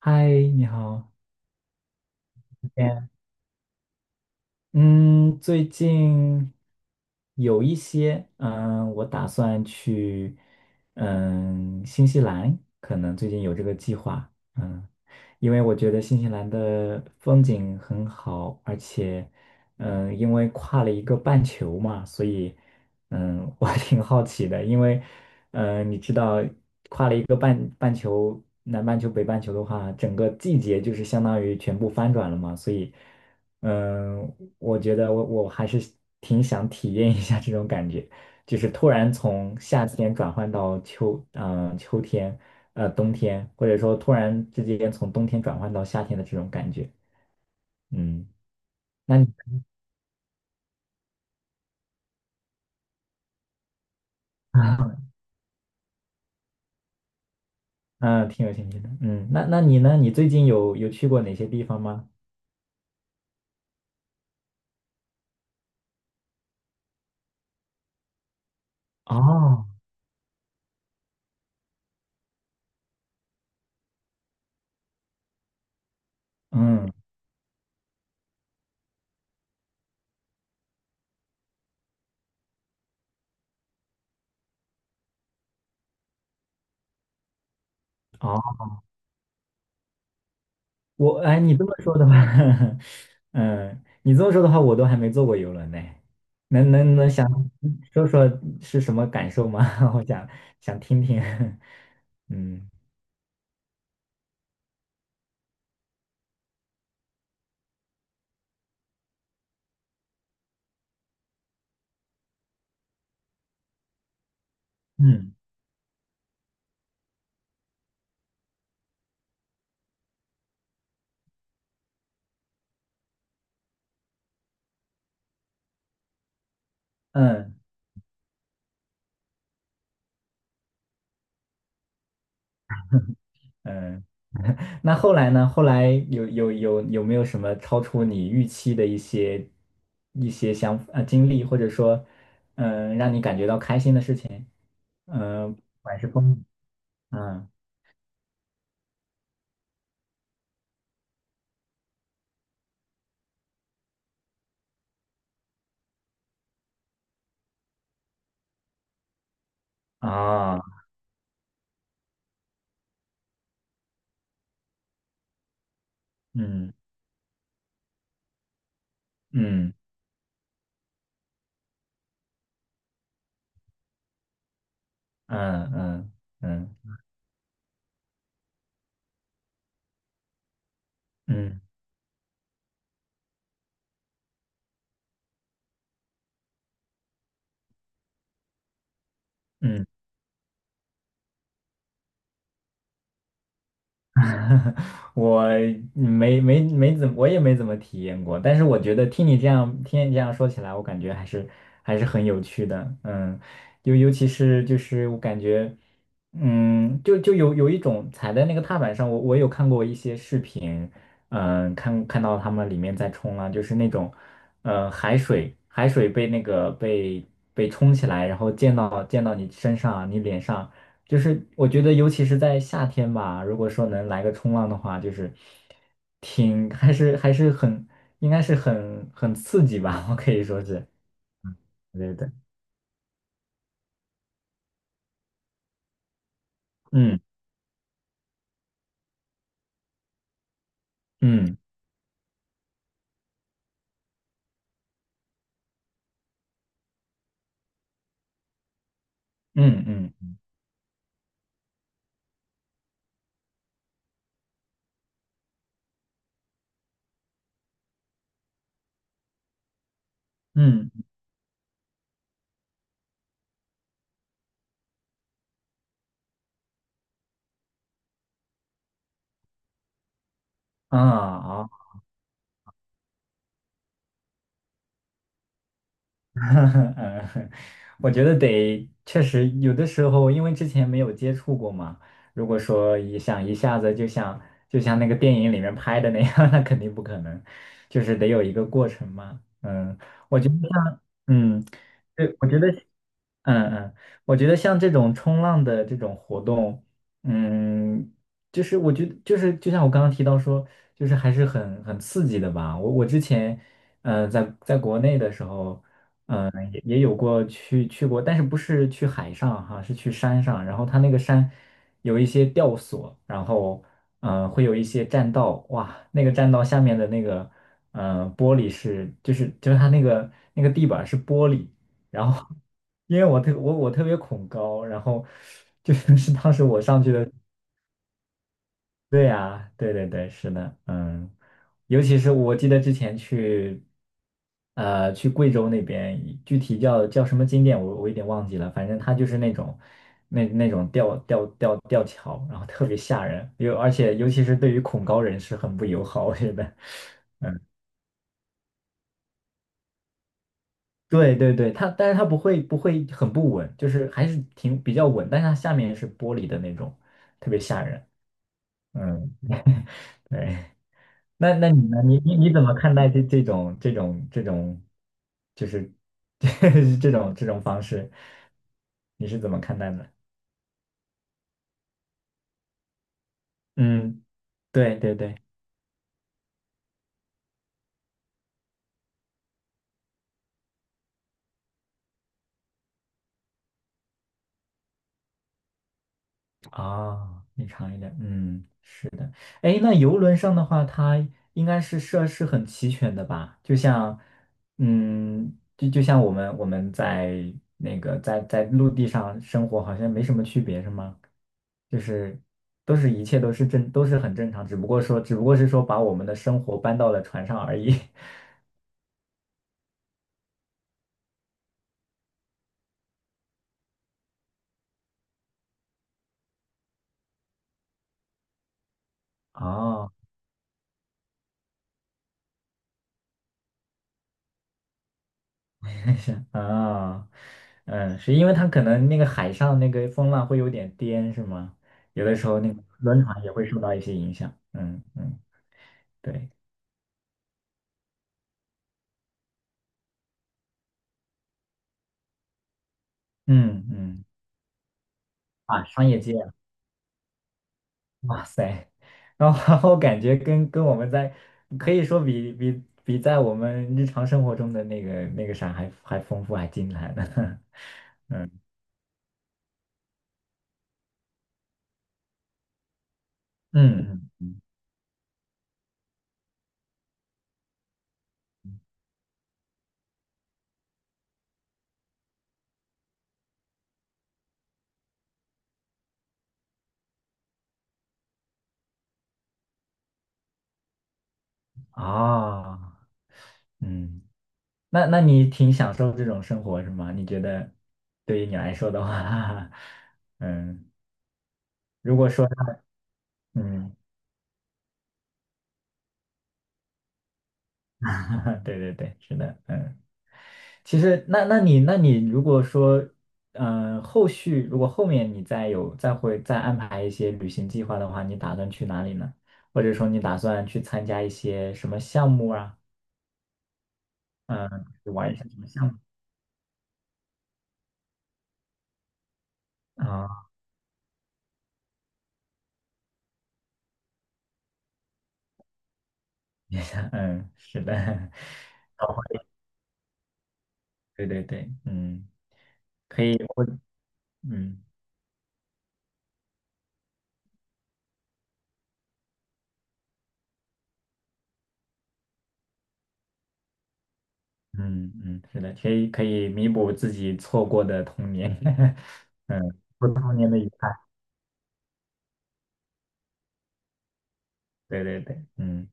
嗨，你好。嗯嗯，最近有一些，我打算去，新西兰，可能最近有这个计划，嗯，因为我觉得新西兰的风景很好，而且，因为跨了一个半球嘛，所以，我 挺好奇的，因为，你知道。一个半球，南半球、北半球的话，整个季节就是相当于全部翻转了嘛，所以，嗯，我觉得我还是挺想体验一下这种感觉，就是突然从夏天转换到秋，嗯、秋天，呃，冬天，或者说突然之间从冬天转换到夏天的这种感觉，嗯，那你，嗯，挺有兴趣的，那你呢？你最近有去过哪些地方吗？哦，嗯，哦，我哎，你这么说的话，嗯，你这么说的话，我都还没坐过游轮呢。能想说说是什么感受吗？我想想听听。嗯嗯嗯嗯。那后来呢？后来有没有什么超出你预期的一些一些经历，或者说让你感觉到开心的事情？嗯，不管是风，嗯啊，嗯嗯。嗯嗯嗯嗯嗯，我没没没怎么我也没怎么体验过，但是我觉得听你这样说起来，我感觉还是很有趣的，尤其是就是我感觉，就有一种踩在那个踏板上，我有看过一些视频，看到他们里面在冲浪，就是那种，海水被那个被被冲起来，然后溅到你身上啊，你脸上。就是我觉得，尤其是在夏天吧，如果说能来个冲浪的话，就是挺还是还是很应该是很刺激吧，我可以说是，对对，嗯嗯嗯嗯嗯啊啊，嗯，我觉得确实有的时候，因为之前没有接触过嘛，如果说一下子就像那个电影里面拍的那样，那肯定不可能，就是得有一个过程嘛，我觉得像嗯。对，我觉得，嗯嗯，我觉得像这种冲浪的这种活动，嗯，就是我觉得就是就像我刚刚提到说，就是还是很刺激的吧。我之前，在国内的时候，也有过去过，但是不是去海上哈，是去山上。然后它那个山有一些吊索，然后会有一些栈道，哇，那个栈道下面的那个玻璃是就是它那个那个地板是玻璃，然后 因为我特别恐高，然后 就是当时我上去的。对呀，对对对，是的，尤其是我记得之前去，去贵州那边，具体叫什么景点我有点忘记了，反正它就是那种，那种吊桥，然后特别吓人，而且尤其是对于恐高人士很不友好，我觉得。对对对，它但是它不会很不稳，就是还是挺比较稳，但是它下面是玻璃的那种，特别吓人。嗯，对。那那你呢？你你怎么看待这种，就是 这种方式？你是怎么看待的？嗯，对对对。啊，你长一点，嗯，是的。哎，那游轮上的话，它应该是设施很齐全的吧？就像，就像我们在那个在陆地上生活，好像没什么区别，是吗？就是都是一切都是正都是很正常，只不过是说把我们的生活搬到了船上而已。哦 啊，嗯，是因为它可能那个海上那个风浪会有点颠，是吗？有的时候那个轮船也会受到一些影响。嗯嗯，对，嗯嗯，啊，商业街啊哇塞，然后 然后感觉跟我们在可以说比在我们日常生活中的那个那个啥还丰富还精彩呢。嗯嗯嗯，啊，嗯。那那你挺享受这种生活是吗？你觉得对于你来说的话，嗯，如果说嗯，对对对，是的，其实那你如果说后续如果后面你再有再安排一些旅行计划的话，你打算去哪里呢？或者说你打算去参加一些什么项目啊？嗯，玩一些什么项目啊？嗯，是的，对对对，嗯嗯。嗯嗯，是的，可以可以弥补自己错过的童年，嗯，不童年的遗憾。对对对，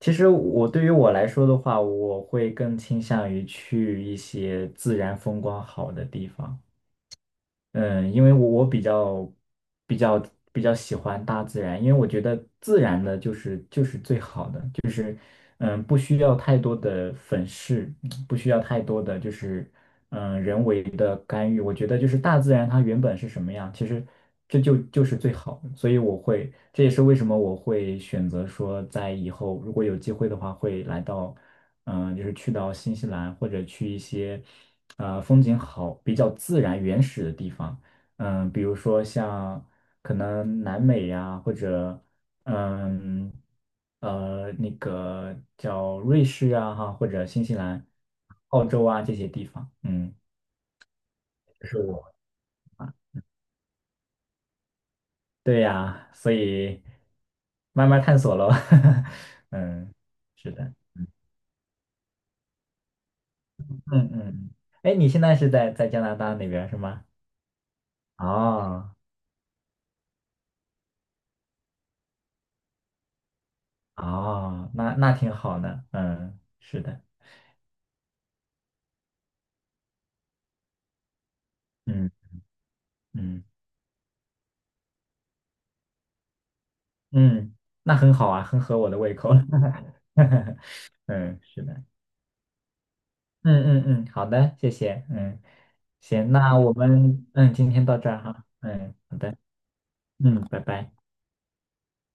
其实对于我来说的话，我会更倾向于去一些自然风光好的地方，嗯，因为我比较比较喜欢大自然，因为我觉得自然的就是最好的。嗯，不需要太多的粉饰，不需要太多的人为的干预。我觉得就是大自然它原本是什么样，其实这就是最好的。所以我会，这也是为什么我会选择说在以后如果有机会的话，会来到就是去到新西兰或者去一些风景好、比较自然原始的地方。嗯，比如说像可能南美呀、或者嗯，那个叫瑞士啊，哈，或者新西兰、澳洲啊这些地方，这是我。对呀，所以慢慢探索喽，嗯，是的，嗯嗯，哎，你现在是在加拿大那边是吗？哦哦，那那挺好的，嗯，是的，嗯嗯嗯，那很好啊，很合我的胃口，嗯，是的。嗯嗯嗯，好的，谢谢，嗯，行，那我们今天到这儿哈，嗯，好的，嗯，拜拜。